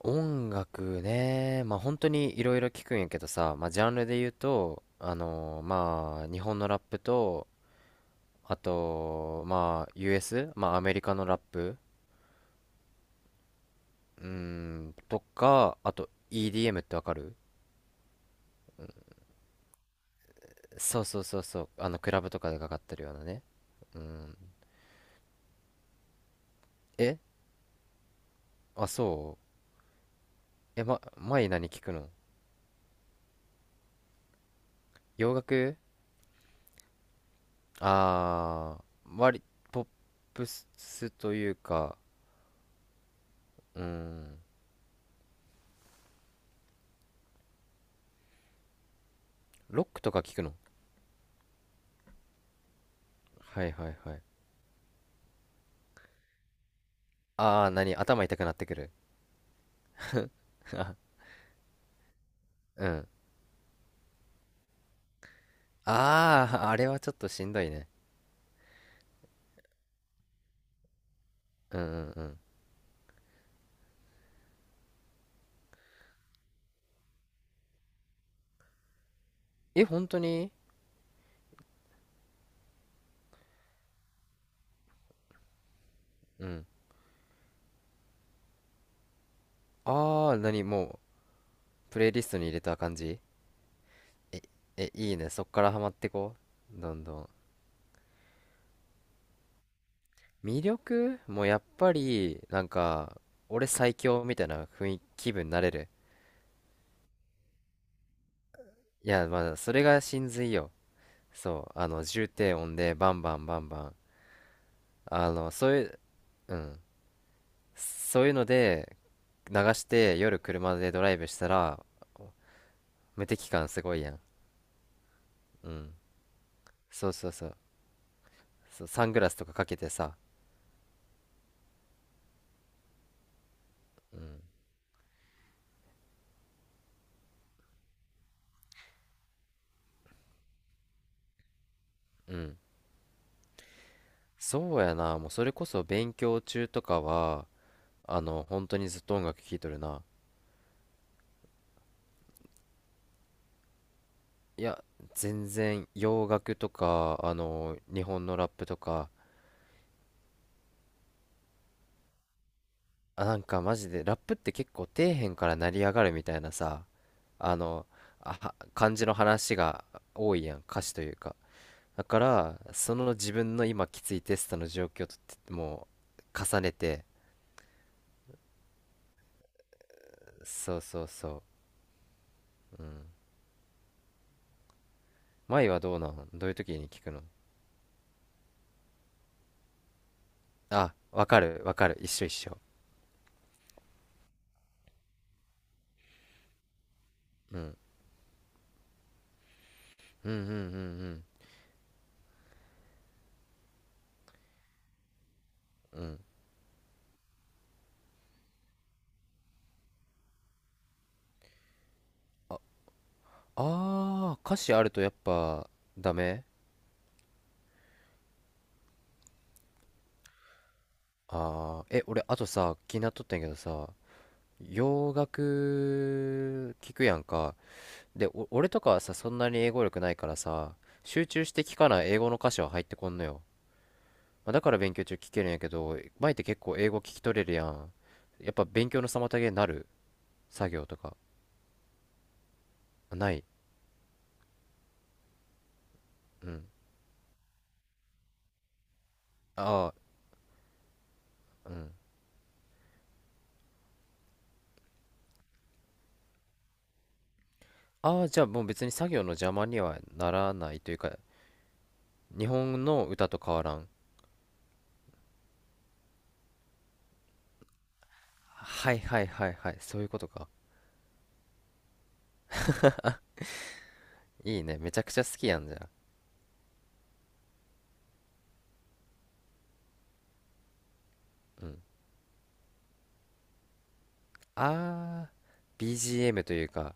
音楽ね、まあ本当にいろいろ聞くんやけどさ、まあジャンルで言うと、まあ日本のラップと、あと、まあ US? まあアメリカのラップ。うーん、とか、あと EDM ってわかる？そうそうそうそう、あのクラブとかでかかってるようなね。うん。え、あ、そう。え、ま、前何聞くの？洋楽？ああー、割、ポップスというか、うん、ロックとか聞くの？はいはいはい。ああ、何頭痛くなってくる。うん。ああ、あれはちょっとしんどいね。うんうんうん。え、本当に？うん。ああ、何もう、プレイリストに入れた感じ？え、え、いいね。そっからハマってこう。どんどん。魅力もうやっぱり、なんか、俺最強みたいな雰囲気、気分になれる。いや、まあ、それが真髄よ。そう、重低音でバンバンバンバン。そういう、うん。そういうので、流して夜車でドライブしたら無敵感すごいやん。うん、そうそうそう。そうサングラスとかかけてさ。うんうん。そうやな、もうそれこそ勉強中とかは本当にずっと音楽聴いとるな。いや、全然洋楽とか日本のラップとか。あ、なんかマジでラップって結構底辺から成り上がるみたいなさ、あのあは感じの話が多いやん、歌詞というか。だからその自分の今きついテストの状況とっても、う重ねて。そうそうそう。うん、舞はどうなん？どういう時に聞くの？あ、わかるわかる、一緒一緒。うん、うんうんうんうんうん。ああー、歌詞あるとやっぱダメ。あー、え、俺あとさ気になっとったんやけどさ、洋楽聞くやんか。で、俺とかはさ、そんなに英語力ないからさ、集中して聞かない英語の歌詞は入ってこんのよ。まあ、だから勉強中聞けるんやけど、前って結構英語聞き取れるやん。やっぱ勉強の妨げになる？作業とか。ない。うん。ああ、うん。ああ、じゃあもう別に作業の邪魔にはならないというか、日本の歌と変わらん。はいはいはいはい。そういうことか。いいね。めちゃくちゃ好きやんじゃん。ああ、BGM というか。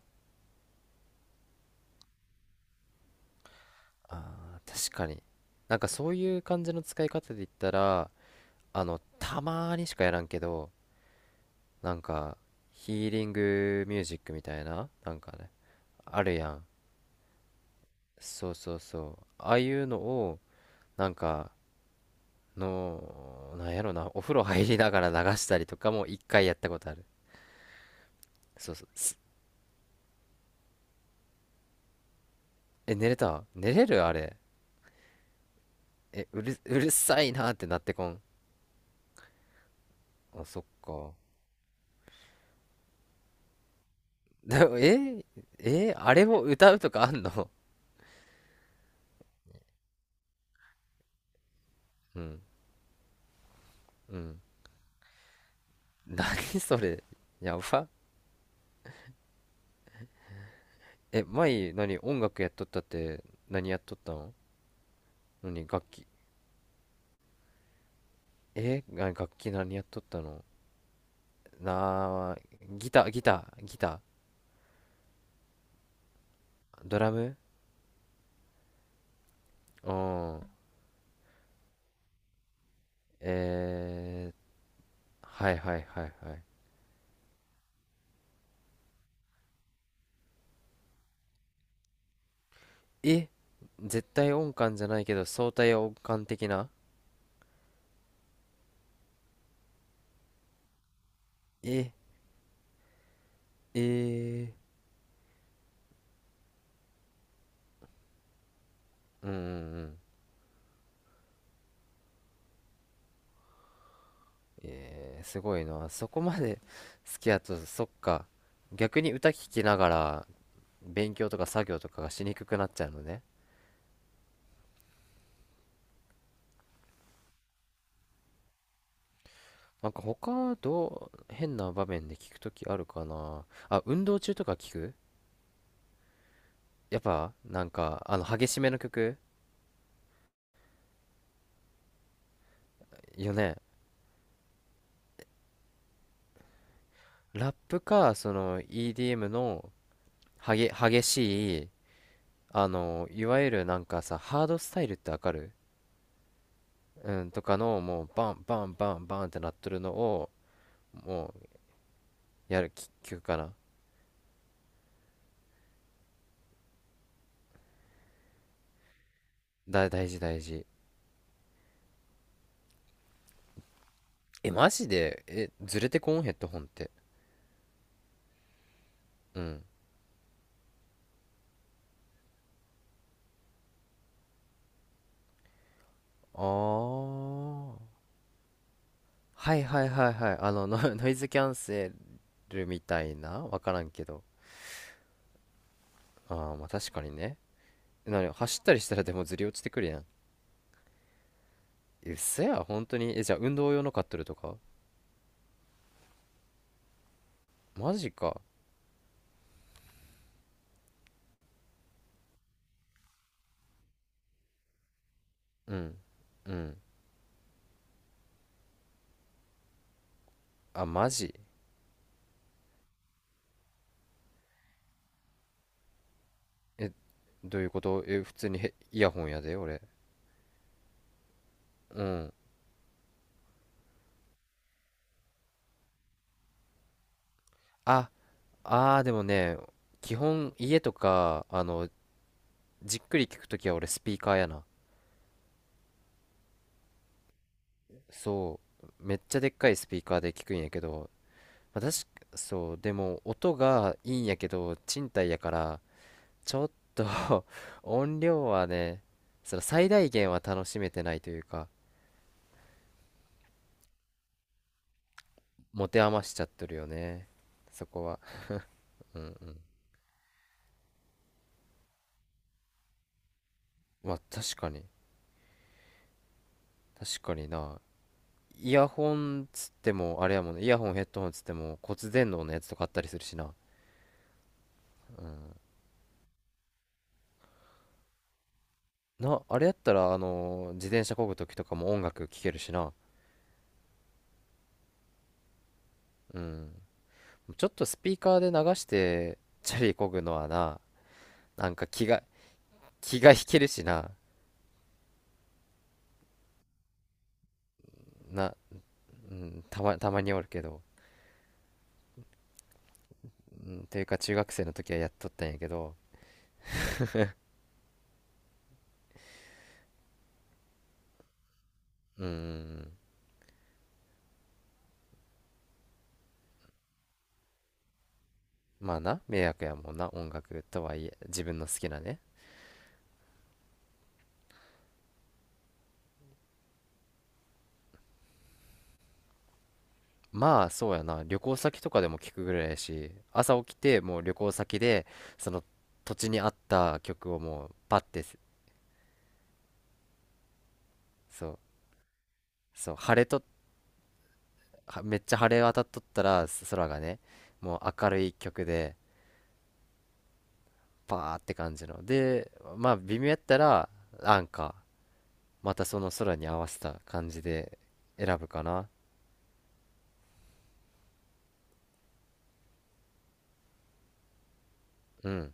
ああ、確かに。なんかそういう感じの使い方で言ったら、たまーにしかやらんけど、なんか、ヒーリングミュージックみたいな、なんかね、あるやん。そうそうそう。ああいうのを、なんか、なんやろな、お風呂入りながら流したりとかも一回やったことある。そうそう。え、寝れた？寝れるあれ。え、うるさいなーってなってこん。あ、そっか。でも、え、あれを歌うとかあんの？うん、うん。何それ。やば。え、前、何、音楽やっとったって、何やっとったの？何、楽器。楽器何やっとったの？なあ、ギター、ギター、ギター、ドラム。うん。えー、はいはいはいはい。え、絶対音感じゃないけど相対音感的な？え、えー、うんうんうん。すごいな。そこまで好きやと、そっか。逆に歌聴きながら勉強とか作業とかがしにくくなっちゃうのね。なんか他どう、変な場面で聞くときあるかな。あ、運動中とか聞く？やっぱなんか激しめの曲よね。ラップかその EDM の、激しい、いわゆるなんかさ、ハードスタイルってわかる？うんとかのもうバンバンバンバンってなっとるのをもうやる曲かな。大事大事。え、マジで、え、ずれてこんヘッドホンって？うん。あー、はいはいはいはい。ノイズキャンセルみたいな、わからんけど。ああー、まあ確かにね。なに走ったりしたらでもずり落ちてくるやん。うっそ？や本当に？え、じゃあ運動用の買っとるとか？マジか。うんうん。あ、マジ？え、どういうこと？え、普通に、イヤホンやで俺。うん。ああー、でもね、基本家とかじっくり聞くときは俺スピーカーやな。そう、めっちゃでっかいスピーカーで聞くんやけど、私。そうでも音がいいんやけど、賃貸やからちょっと 音量はね、その最大限は楽しめてないというか、持て余しちゃってるよね。そこは。うんうん。まあ確かに、確かにな。イヤホンつっても、あれやもんね、イヤホンヘッドホンつっても骨伝導のやつとかあったりするしな。な、あれやったら、自転車漕ぐ時とかも音楽聴けるしな。うん。ちょっとスピーカーで流して、チャリ漕ぐのはな、なんか気が、気が引けるしな。な、うん、たまにおるけど。うん、というか中学生の時はやっとったんやけど、うーん、まあな、迷惑やもんな、音楽とはいえ、自分の好きなね。まあそうやな、旅行先とかでも聞くぐらいやし、朝起きてもう旅行先で、その土地に合った曲をもうパッて、そう、そう、晴れと、はめっちゃ晴れ渡っとったら、空がね、もう明るい曲で、パーって感じの。で、まあ微妙やったら、なんか、またその空に合わせた感じで選ぶかな。うん。